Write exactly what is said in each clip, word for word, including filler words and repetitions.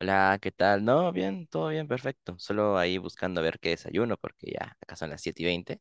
Hola, ¿qué tal? No, bien, todo bien, perfecto. Solo ahí buscando a ver qué desayuno, porque ya acá son las siete y veinte.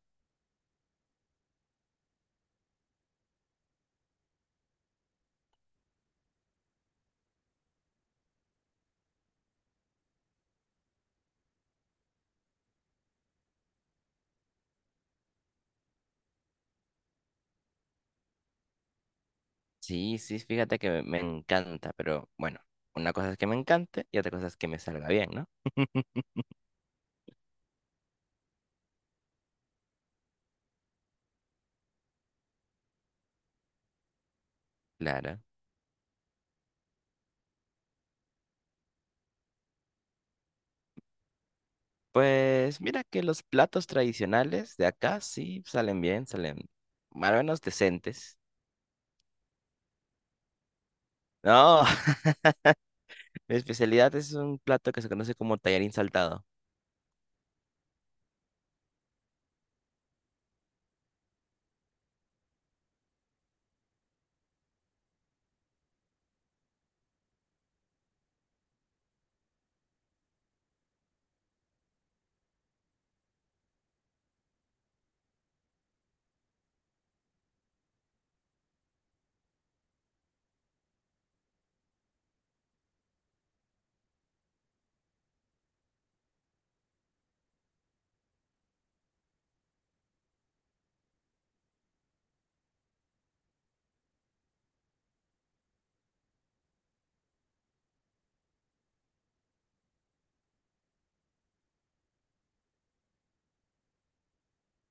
Sí, sí, fíjate que me me encanta, pero bueno, una cosa es que me encante y otra cosa es que me salga bien, ¿no? Claro. Pues mira que los platos tradicionales de acá sí salen bien, salen más o menos decentes. No, mi especialidad es un plato que se conoce como tallarín saltado.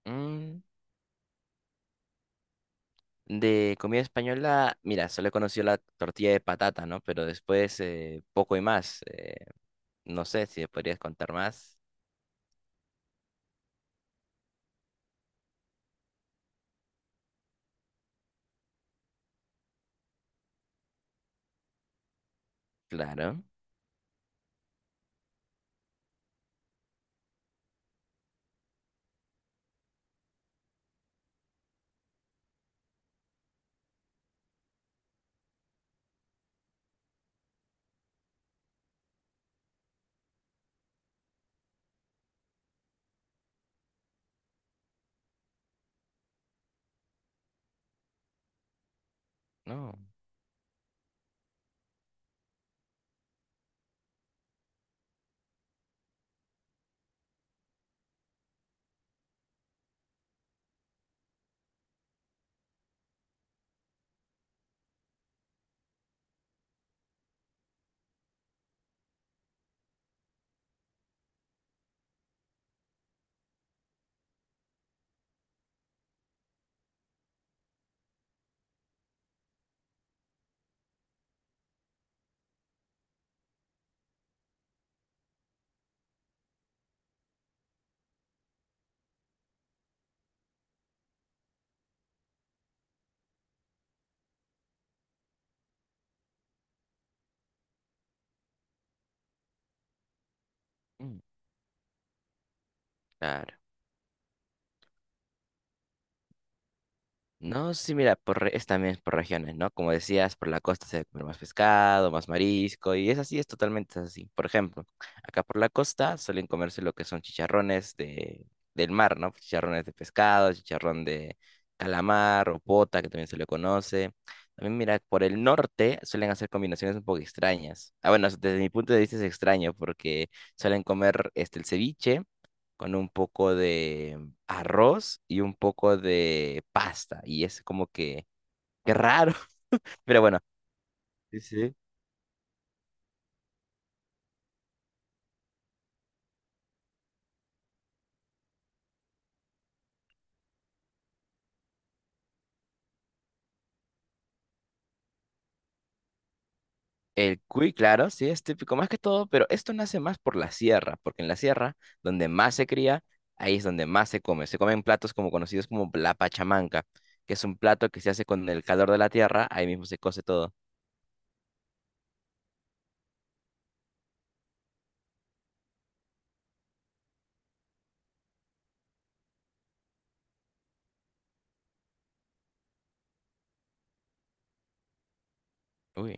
Mm, De comida española, mira, solo he conocido la tortilla de patata, ¿no? Pero después, eh, poco y más. Eh, no sé si me podrías contar más. Claro, no, mm, claro. No, sí, mira, por, re- es también por regiones, ¿no? Como decías, por la costa se debe comer más pescado, más marisco, y es así, es totalmente así. Por ejemplo, acá por la costa suelen comerse lo que son chicharrones de, del mar, ¿no? Chicharrones de pescado, chicharrón de calamar o pota, que también se le conoce. También, mira, por el norte suelen hacer combinaciones un poco extrañas. Ah, bueno, desde mi punto de vista es extraño porque suelen comer este, el ceviche con un poco de arroz y un poco de pasta. Y es como que, qué raro, pero bueno. Sí, sí. El cuy, claro, sí, es típico más que todo, pero esto nace más por la sierra, porque en la sierra, donde más se cría, ahí es donde más se come. Se comen platos como conocidos como la pachamanca, que es un plato que se hace con el calor de la tierra, ahí mismo se cose todo. Uy.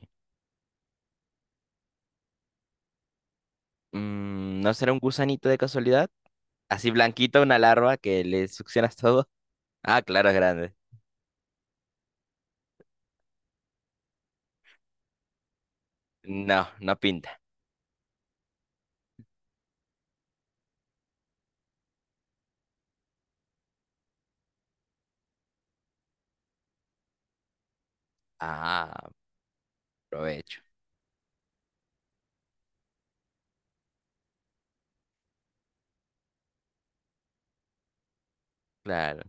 Mm, ¿no será un gusanito de casualidad? Así blanquito, una larva que le succionas todo. Ah, claro, es grande. No, no pinta. Ah, provecho. Claro.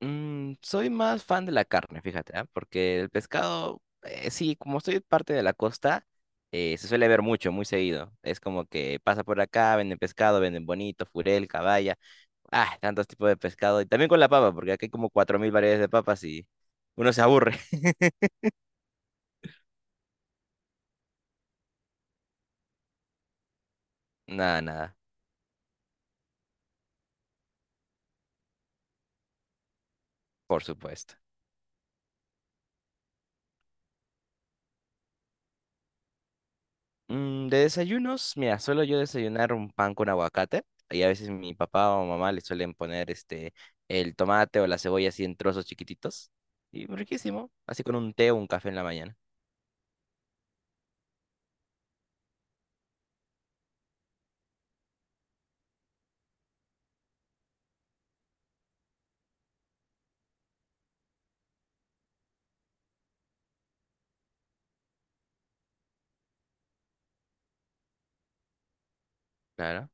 Mm, soy más fan de la carne, fíjate, ¿ah? Porque el pescado, eh, sí, como soy parte de la costa, eh, se suele ver mucho, muy seguido. Es como que pasa por acá, venden pescado, venden bonito, furel, caballa. Ah, tantos tipos de pescado. Y también con la papa, porque aquí hay como cuatro mil variedades de papas y uno se aburre. Nada, nada, por supuesto. Mm, de desayunos, mira, suelo yo desayunar un pan con aguacate y a veces mi papá o mamá le suelen poner este el tomate o la cebolla así en trozos chiquititos y riquísimo, así con un té o un café en la mañana, claro.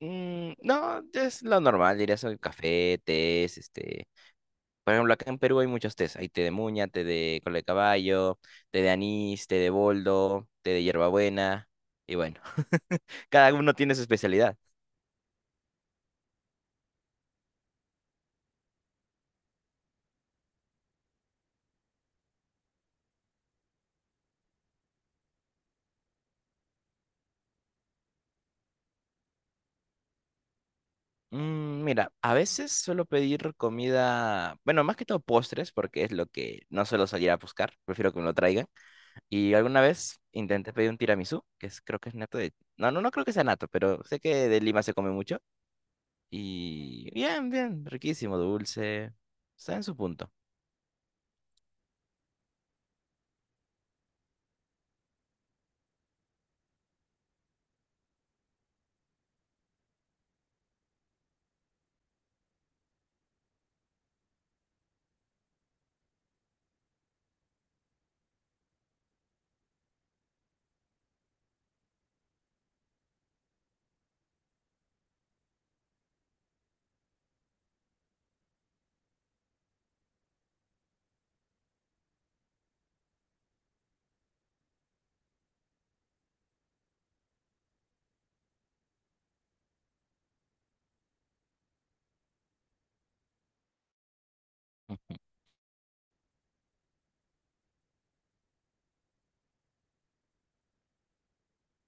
Mm, no, es lo normal, diría soy café, tés, este, por ejemplo, acá en Perú hay muchos tés, hay té de muña, té de cola de caballo, té de anís, té de boldo, té de hierbabuena y bueno, cada uno tiene su especialidad. Mm, Mira, a veces suelo pedir comida, bueno, más que todo postres, porque es lo que no suelo salir a buscar, prefiero que me lo traigan. Y alguna vez intenté pedir un tiramisú, que es, creo que es nato de... No, no, no creo que sea nato, pero sé que de Lima se come mucho. Y bien, bien, riquísimo, dulce, está en su punto.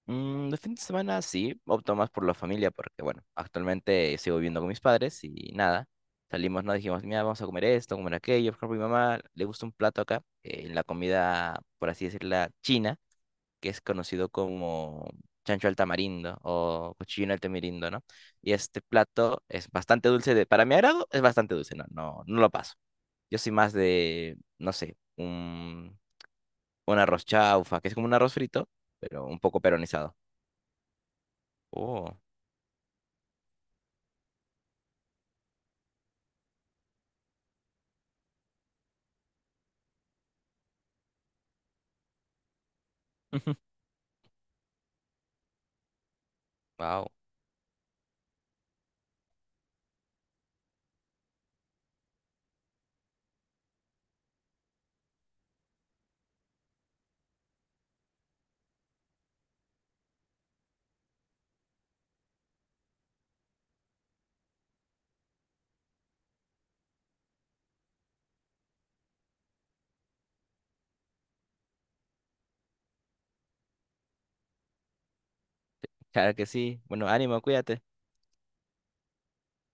Mm, de fin de semana sí, opto más por la familia porque, bueno, actualmente sigo viviendo con mis padres y nada. Salimos, no dijimos, mira, vamos a comer esto, comer aquello. Por ejemplo, mi mamá le gusta un plato acá, eh, la comida, por así decirla, china, que es conocido como chancho al tamarindo o cochino al tamarindo, ¿no? Y este plato es bastante dulce, de, para mi agrado es bastante dulce, no, no, no lo paso. Yo soy más de, no sé, un, un arroz chaufa, que es como un arroz frito, pero un poco peronizado. Oh. Wow, claro que sí. Bueno, ánimo, cuídate.